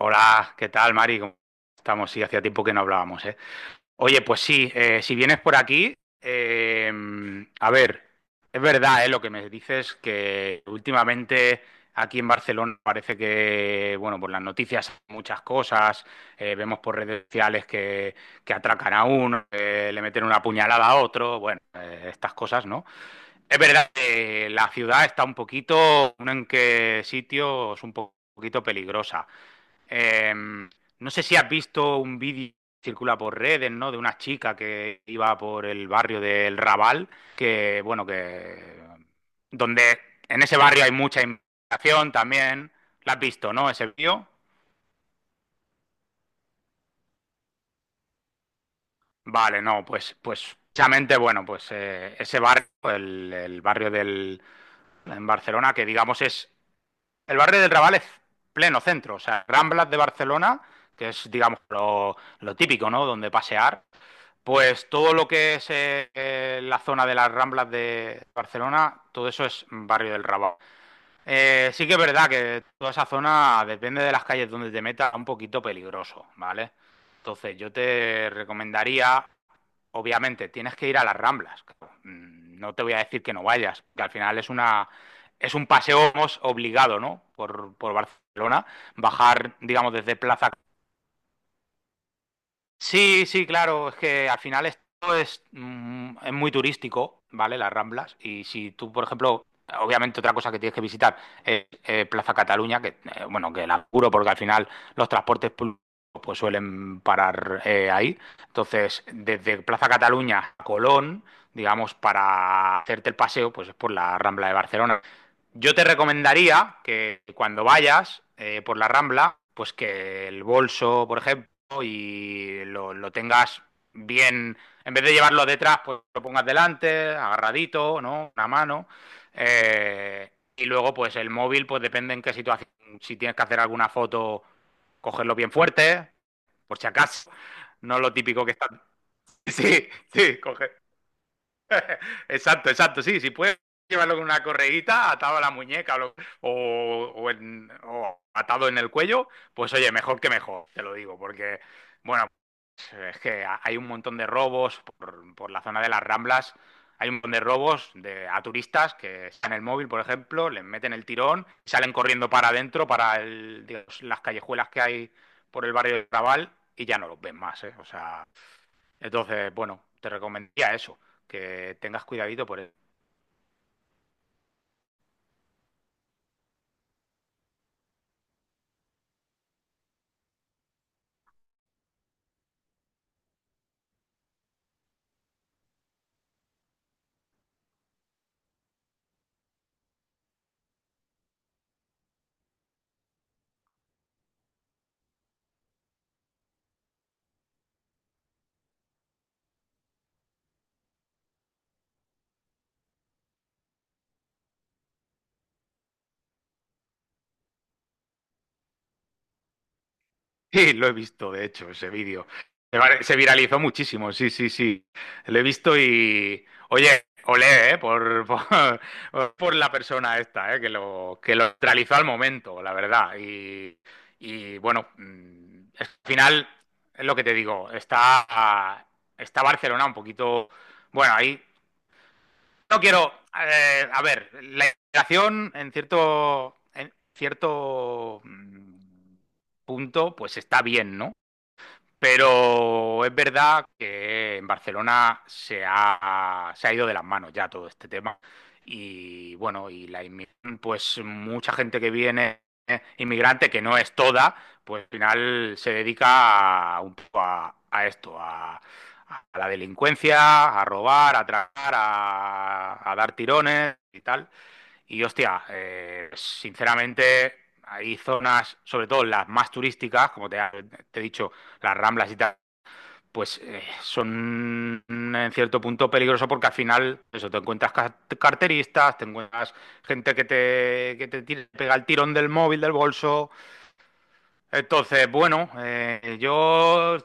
Hola, ¿qué tal, Mari? ¿Cómo estamos? Sí, hacía tiempo que no hablábamos, ¿eh? Oye, pues sí, si vienes por aquí, eh, a ver, es verdad, ¿eh? Lo que me dices que últimamente aquí en Barcelona parece que, bueno, por las noticias muchas cosas, vemos por redes sociales que atracan a uno, que le meten una puñalada a otro, bueno, estas cosas, ¿no? Es verdad que la ciudad está un poquito, en qué sitios, poquito peligrosa. No sé si has visto un vídeo que circula por redes, ¿no? De una chica que iba por el barrio del Raval, que, bueno, que... Donde En ese barrio hay mucha inmigración también. ¿La has visto, no? Ese vídeo. Vale, no, pues, precisamente, bueno, pues ese barrio, en Barcelona, que digamos es, el barrio del Raval es pleno centro, o sea, Ramblas de Barcelona, que es, digamos, lo típico, ¿no? Donde pasear, pues todo lo que es la zona de las Ramblas de Barcelona, todo eso es barrio del Raval. Sí que es verdad que toda esa zona, depende de las calles donde te metas, es un poquito peligroso, ¿vale? Entonces yo te recomendaría, obviamente, tienes que ir a las Ramblas. Claro. No te voy a decir que no vayas, que al final es un paseo digamos, obligado, ¿no? Por Barcelona, bajar, digamos, desde Plaza. Sí, sí, claro, es que al final esto es muy turístico, ¿vale? Las Ramblas. Y si tú, por ejemplo, obviamente otra cosa que tienes que visitar es Plaza Cataluña, que bueno, que la curo porque al final los transportes públicos pues suelen parar ahí. Entonces, desde Plaza Cataluña a Colón, digamos, para hacerte el paseo, pues es por la Rambla de Barcelona. Yo te recomendaría que cuando vayas por la Rambla, pues que el bolso, por ejemplo, y lo tengas bien, en vez de llevarlo detrás, pues lo pongas delante, agarradito, ¿no? Una mano. Y luego, pues el móvil, pues depende en qué situación, si tienes que hacer alguna foto, cogerlo bien fuerte, por si acaso. No lo típico que está. Sí, sí, coge. Exacto, exacto, sí, si puedes llevarlo con una correguita atado a la muñeca o, lo- o en- o atado en el cuello, pues oye, mejor que mejor, te lo digo, porque, bueno, es que hay un montón de robos por la zona de las Ramblas. Hay un montón de robos a turistas que están en el móvil, por ejemplo, les meten el tirón, salen corriendo para adentro, para el, digamos, las callejuelas que hay por el barrio de Raval y ya no los ven más. ¿Eh? O sea, entonces, bueno, te recomendaría eso, que tengas cuidadito por eso. Sí, lo he visto, de hecho, ese vídeo. Se viralizó muchísimo, sí, sí, sí. Lo he visto y, oye, olé, por la persona esta, que lo realizó al momento, la verdad. Y bueno, al final, es lo que te digo, está Barcelona un poquito. Bueno, ahí. No quiero. A ver, la integración en cierto punto, pues está bien, ¿no? Pero es verdad que en Barcelona se ha ido de las manos ya todo este tema. Y bueno, y la inmigración, pues mucha gente que viene inmigrante, que no es toda, pues al final se dedica un poco a esto, a la delincuencia, a robar, a tragar, a dar tirones y tal. Y hostia, sinceramente, hay zonas, sobre todo las más turísticas, como te he dicho, las Ramblas y tal, pues son en cierto punto peligroso porque al final, eso, te encuentras carteristas, te encuentras gente que te pega el tirón del móvil, del bolso. Entonces, bueno, yo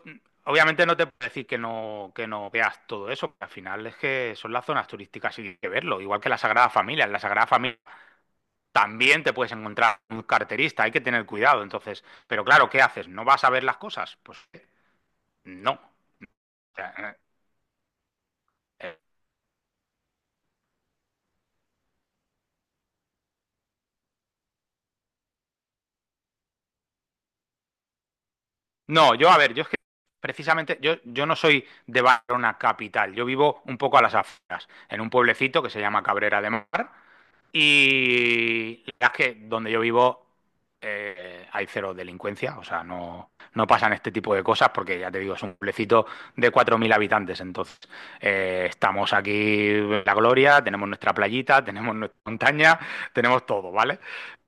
obviamente no te puedo decir que no veas todo eso, porque al final es que son las zonas turísticas y hay que verlo, igual que la Sagrada Familia. En la Sagrada Familia también te puedes encontrar un carterista, hay que tener cuidado. Entonces, pero claro, ¿qué haces? ¿No vas a ver las cosas? Pues no. O sea, eh, no, yo a ver, yo es que precisamente, yo no soy de Barcelona capital, yo vivo un poco a las afueras, en un pueblecito que se llama Cabrera de Mar. Y la verdad es que donde yo vivo hay cero delincuencia, o sea, no, no pasan este tipo de cosas porque ya te digo, es un pueblecito de 4.000 habitantes, entonces estamos aquí en la gloria, tenemos nuestra playita, tenemos nuestra montaña, tenemos todo, ¿vale?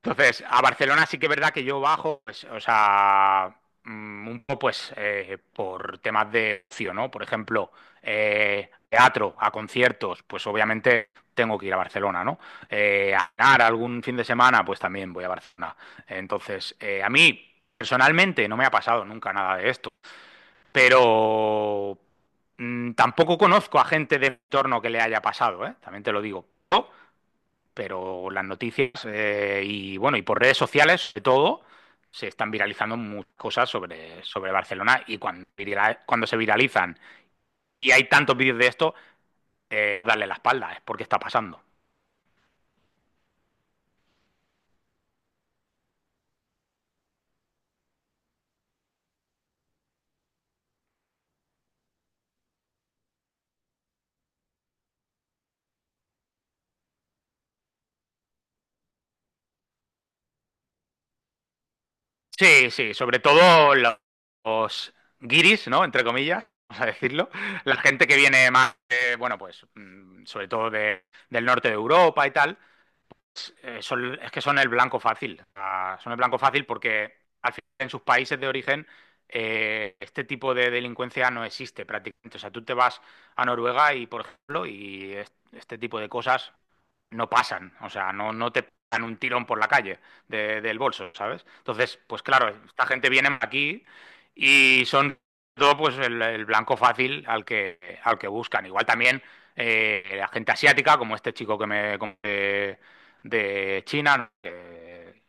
Entonces, a Barcelona sí que es verdad que yo bajo, pues, o sea, un poco pues por temas de ocio, ¿no? Por ejemplo, teatro, a conciertos, pues obviamente tengo que ir a Barcelona, ¿no? A ganar algún fin de semana, pues también voy a Barcelona. Entonces, a mí personalmente no me ha pasado nunca nada de esto, pero tampoco conozco a gente de mi entorno que le haya pasado, ¿eh? También te lo digo. Pero las noticias y bueno, y por redes sociales, sobre todo, se están viralizando muchas cosas sobre Barcelona y cuando se viralizan y hay tantos vídeos de esto, darle la espalda, es porque está pasando. Sí, sí, sobre todo los guiris, ¿no? Entre comillas, vamos a decirlo. La gente que viene más, bueno, pues, sobre todo del norte de Europa y tal, es que son el blanco fácil. O sea, son el blanco fácil porque al final en sus países de origen este tipo de delincuencia no existe prácticamente. O sea, tú te vas a Noruega y, por ejemplo, este tipo de cosas no pasan, o sea, no, no te pegan un tirón por la calle del bolso, ¿sabes? Entonces, pues claro, esta gente viene aquí y son todo pues el blanco fácil al que buscan. Igual también la gente asiática, como este chico que me conté de China, ¿no?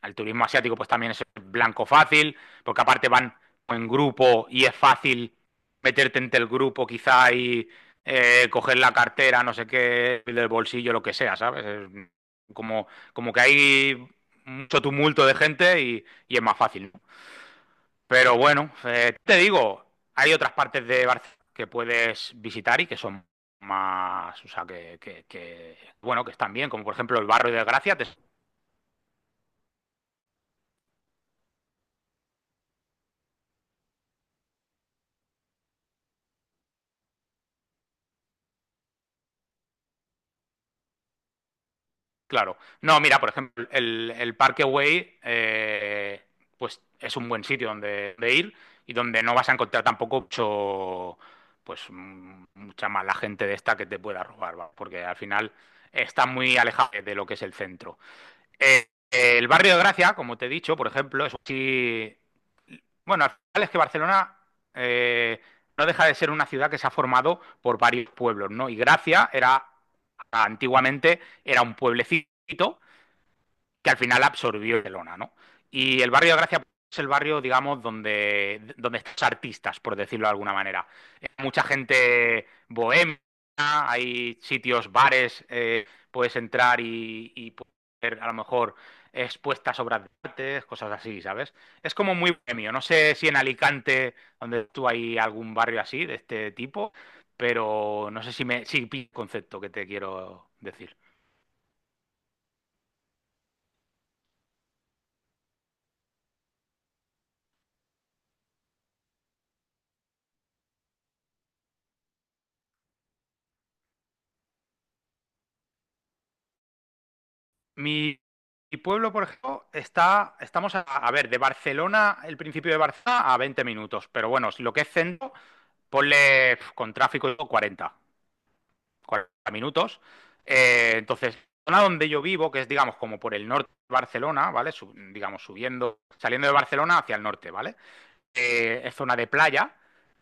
El turismo asiático pues también es el blanco fácil, porque aparte van en grupo y es fácil meterte entre el grupo quizá y coger la cartera, no sé qué, del bolsillo, lo que sea, ¿sabes? Es como, como que hay mucho tumulto de gente y es más fácil. ¿No? Pero bueno, te digo, hay otras partes de Barcelona que puedes visitar y que son más, o sea, que están bien, como por ejemplo el barrio de Gracia, te... Claro. No, mira, por ejemplo, el Parkway, pues es un buen sitio donde ir y donde no vas a encontrar tampoco mucho, pues mucha mala gente de esta que te pueda robar, va. Porque al final está muy alejado de lo que es el centro. El barrio de Gracia, como te he dicho, por ejemplo, bueno, al final es que Barcelona eh, no deja de ser una ciudad que se ha formado por varios pueblos, ¿no? Y Gracia era, antiguamente, era un pueblecito que al final absorbió Barcelona, ¿no? Y el barrio de Gracia es el barrio, digamos, donde están los artistas, por decirlo de alguna manera. Mucha gente bohemia, hay sitios, bares, puedes entrar y puedes ver a lo mejor expuestas obras de arte, cosas así, ¿sabes? Es como muy bohemio. No sé si en Alicante, donde tú hay algún barrio así, de este tipo, pero no sé si pillo el concepto que te quiero decir. Mi, mi pueblo, por ejemplo, estamos a ver, de Barcelona, el principio de Barcelona, a 20 minutos, pero bueno, si lo que es centro, ponle con tráfico y 40 minutos. Entonces, la zona donde yo vivo, que es, digamos, como por el norte de Barcelona, ¿vale? Digamos, subiendo, saliendo de Barcelona hacia el norte, ¿vale? Es zona de playa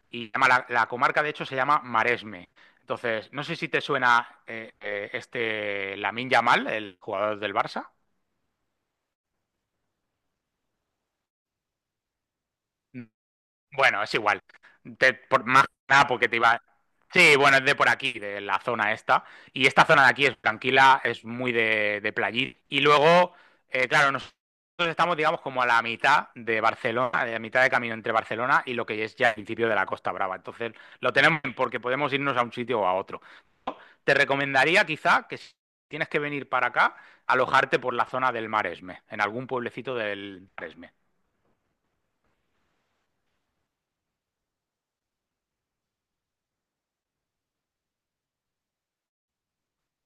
y se llama la comarca, de hecho, se llama Maresme. Entonces, no sé si te suena este Lamine Yamal, el jugador del Barça. Bueno, es igual. Por, más que nada porque te iba. Sí, bueno, es de por aquí, de la zona esta. Y esta zona de aquí es tranquila, es muy de playita. Y luego, claro, nosotros estamos, digamos, como a la mitad de Barcelona, de la mitad de camino entre Barcelona y lo que es ya el principio de la Costa Brava. Entonces, lo tenemos bien porque podemos irnos a un sitio o a otro. Te recomendaría quizá que si tienes que venir para acá, alojarte por la zona del Maresme, en algún pueblecito del Maresme.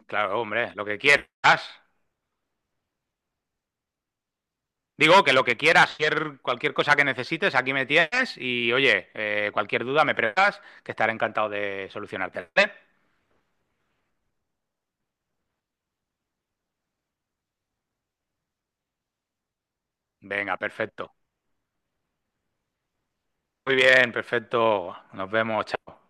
Claro, hombre, lo que quieras. Digo que lo que quieras, cualquier cosa que necesites, aquí me tienes y oye, cualquier duda me preguntas, que estaré encantado de solucionarte. ¿Vale? Venga, perfecto. Muy bien, perfecto. Nos vemos, chao.